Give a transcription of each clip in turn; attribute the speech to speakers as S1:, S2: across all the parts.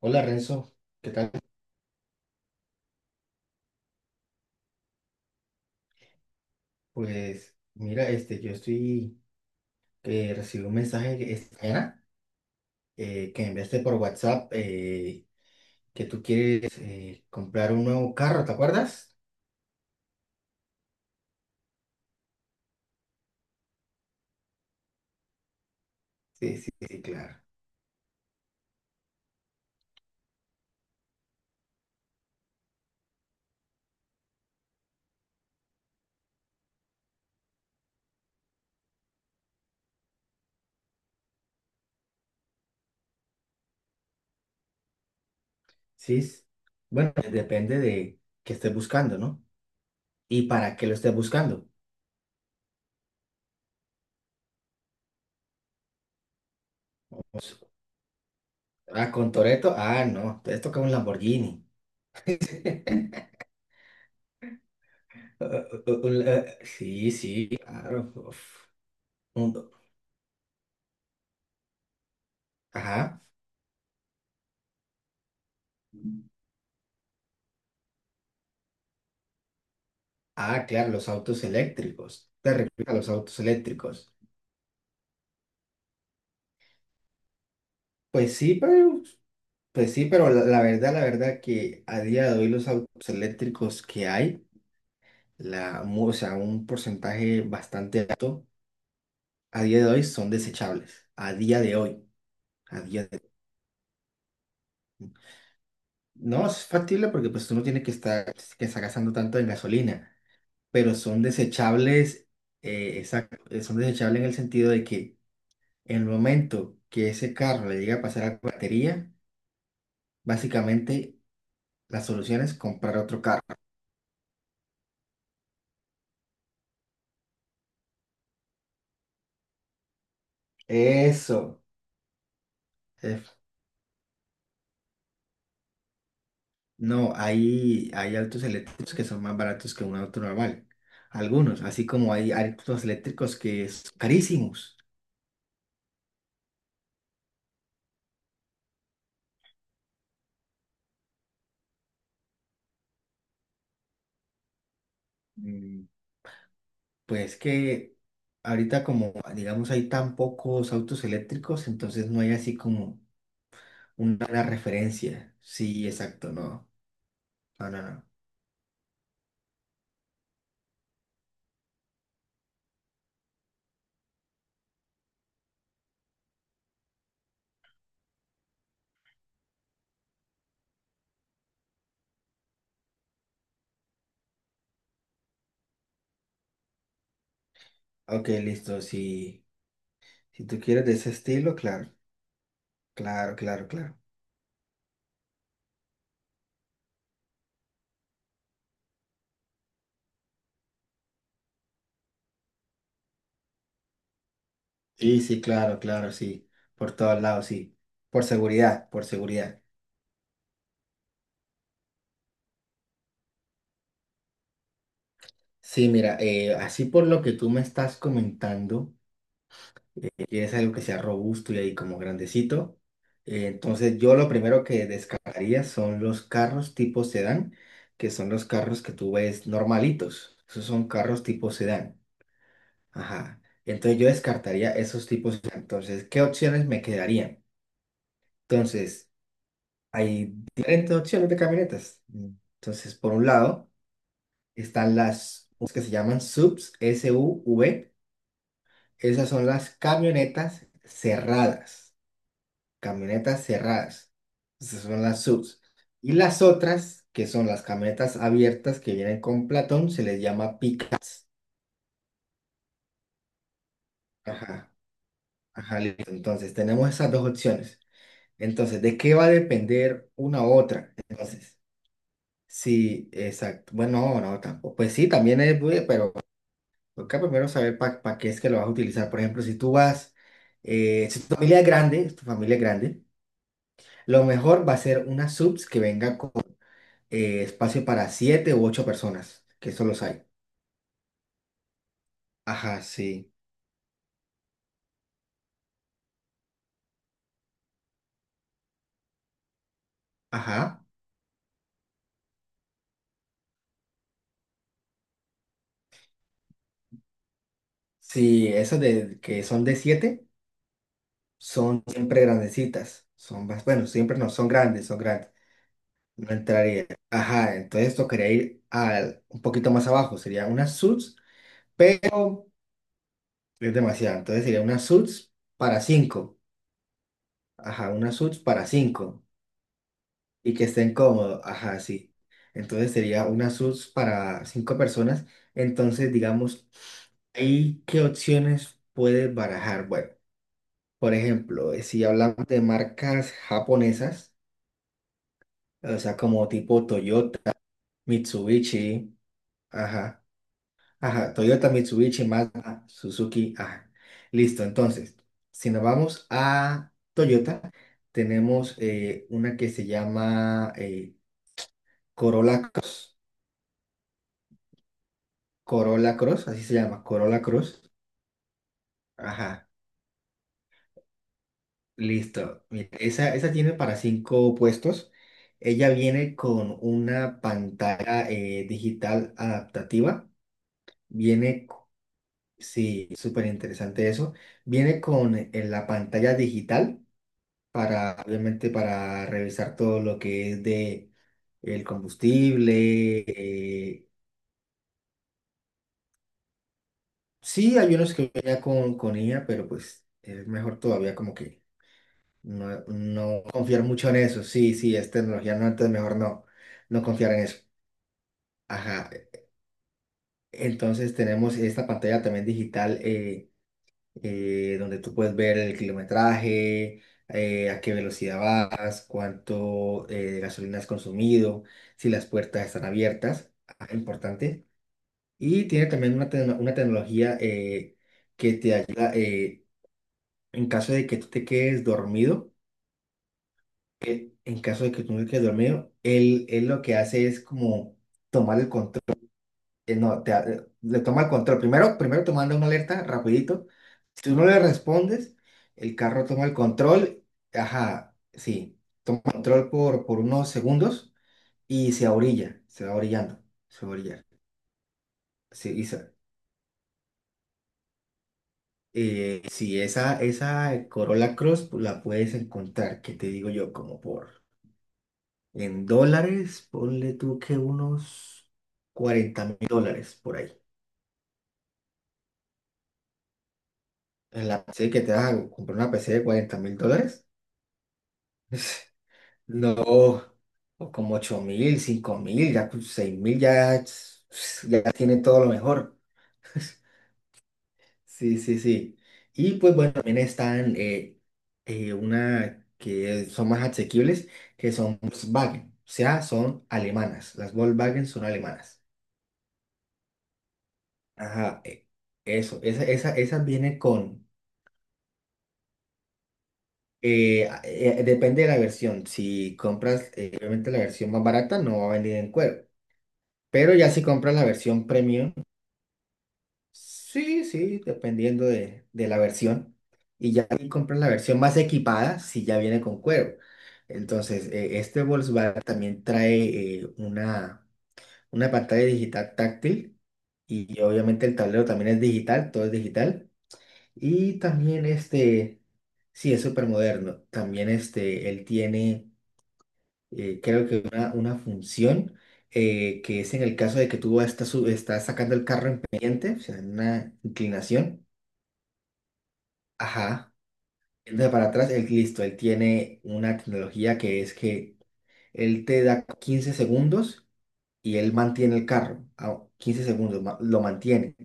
S1: Hola Renzo, ¿qué tal? Pues mira, este, yo estoy, recibí un mensaje esta mañana que me enviaste por WhatsApp que tú quieres comprar un nuevo carro, ¿te acuerdas? Sí, sí, sí, claro. Sí, s- bueno, depende de qué estés buscando, ¿no? ¿Y para qué lo estés buscando? Pues, ah, con Toretto, ah, no, te toca un Lamborghini. Sí, sí, claro. Un- ajá. Ah, claro, los autos eléctricos. Te refieres a los autos eléctricos. Pues sí, pero, pues sí, pero la verdad que a día de hoy los autos eléctricos que hay, o sea, un porcentaje bastante alto, a día de hoy son desechables. A día de hoy, a día de No es factible porque pues tú no tienes que estar gastando tanto en gasolina, pero son desechables, exacto, son desechables en el sentido de que en el momento que ese carro le llega a pasar a la batería, básicamente, la solución es comprar otro carro. Eso. eh, No, hay autos eléctricos que son más baratos que un auto normal. Algunos, así como hay autos eléctricos que son carísimos. Mm, pues que ahorita como, digamos, hay tan pocos autos eléctricos, entonces no hay así como una, buena referencia. Sí, exacto, no. No, no, no. Ok, listo. Si, si tú quieres de ese estilo, claro, claro, claro, claro. Sí, sí, claro, claro, sí. Por todos lados, sí. Por seguridad, por seguridad. Sí, mira, así por lo que tú me estás comentando, quieres algo que sea robusto y ahí como grandecito. Entonces, yo lo primero que descartaría son los carros tipo sedán, que son los carros que tú ves normalitos. Esos son carros tipo sedán. Ajá. Entonces, yo descartaría esos tipos. Entonces, ¿qué opciones me quedarían? Entonces, hay diferentes opciones de camionetas. Entonces, por un lado. Están las que se llaman SUVs, SUV. Esas son las camionetas cerradas. Camionetas cerradas. Esas son las SUVs. Y las otras, que son las camionetas abiertas que vienen con Platón, se les llama pickups. Ajá, ajá, listo. Entonces, tenemos esas dos opciones. Entonces, ¿de qué va a depender una u otra? Entonces, sí, exacto. Bueno, no, no, tampoco. Pues sí, también es, pero toca primero saber para qué es que lo vas a utilizar. Por ejemplo, si tú vas, si tu familia es grande, si tu familia es grande, lo mejor va a ser una subs que venga con espacio para siete u ocho personas, que eso los hay. Ajá, sí. Ajá. Sí, esas de que son de siete son siempre grandecitas. Son más, bueno, siempre no, son grandes, son grandes. No entraría. Ajá, entonces tocaría ir al, un poquito más abajo. Sería una subs, pero es demasiado. Entonces sería una subs para cinco. Ajá, una suits para cinco y que estén cómodos. Ajá, sí. Entonces sería una suits para cinco personas. Entonces, digamos, ¿ahí qué opciones puedes barajar? Bueno, por ejemplo, si hablamos de marcas japonesas, o sea, como tipo Toyota, Mitsubishi, ajá, ajá, Toyota, Mitsubishi, Mazda, Suzuki, ajá. Listo, entonces, si nos vamos a Toyota, tenemos una que se llama Corolla Cross. Corolla Cross, así se llama, Corolla Cross. Ajá, listo. Mira, esa tiene para cinco puestos. Ella viene con una pantalla digital adaptativa. Viene, co- sí, súper interesante eso. Viene con la pantalla digital para, obviamente, para revisar todo lo que es de el combustible. Sí, hay unos que vienen ya con, IA, pero pues es mejor todavía como que no, no confiar mucho en eso. Sí, sí, es tecnología, no, entonces mejor no, no confiar en eso. Ajá. Entonces tenemos esta pantalla también digital donde tú puedes ver el kilometraje, a qué velocidad vas, cuánto gasolina has consumido, si las puertas están abiertas. Ajá, importante. Y tiene también una tecnología que te ayuda en caso de que tú te quedes dormido, que en caso de que tú no quedes dormido, él lo que hace es como tomar el control, no, le toma el control, primero te manda una alerta rapidito, si tú no le respondes, el carro toma el control, ajá, sí, control por unos segundos y se orilla, se va orillando, se va a orillar, sí, y sí, esa Corolla Cross pues, la puedes encontrar, que te digo yo, como por. En dólares, ponle tú que unos $40,000 por ahí. En la PC que te vas a comprar una PC de $40,000. No, o como 8,000, 5,000, ya pues, 6,000, ya, pues, ya tiene todo lo mejor. Sí, sí, sí. Y pues bueno, también están una que son más asequibles, que son Volkswagen. O sea, son alemanas. Las Volkswagen son alemanas. Ajá, eso, esa viene con, depende de la versión, si compras obviamente la versión más barata no va a venir en cuero, pero ya si compras la versión premium, sí, sí, dependiendo de la versión, y ya si compras la versión más equipada, sí ya viene con cuero. Entonces, este Volkswagen también trae una pantalla digital táctil y obviamente el tablero también es digital, todo es digital. Y también este, sí, es súper moderno. También este, él tiene, creo que una función que es en el caso de que tú estás, estás sacando el carro en pendiente, o sea, en una inclinación. Ajá. Entonces para atrás, él, listo, él tiene una tecnología que es que él te da 15 segundos y él mantiene el carro. A 15 segundos, lo mantiene.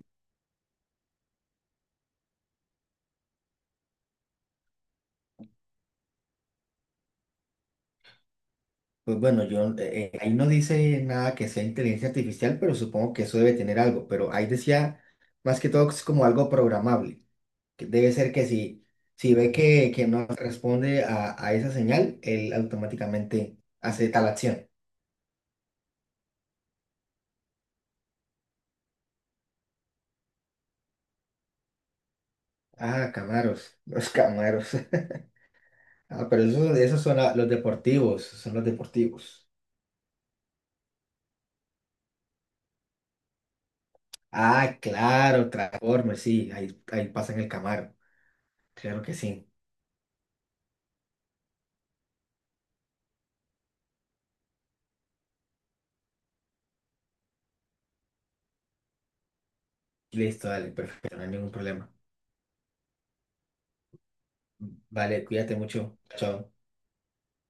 S1: Pues bueno, yo ahí no dice nada que sea inteligencia artificial, pero supongo que eso debe tener algo. Pero ahí decía más que todo que es como algo programable. Que debe ser que si ve que no responde a esa señal, él automáticamente hace tal acción. Ah, Camaros, los Camaros. Ah, pero esos son los deportivos, son los deportivos. Ah, claro, Transformers, sí, ahí pasan el Camaro. Claro que sí. Listo, dale, perfecto, no hay ningún problema. Vale, cuídate mucho. Chao.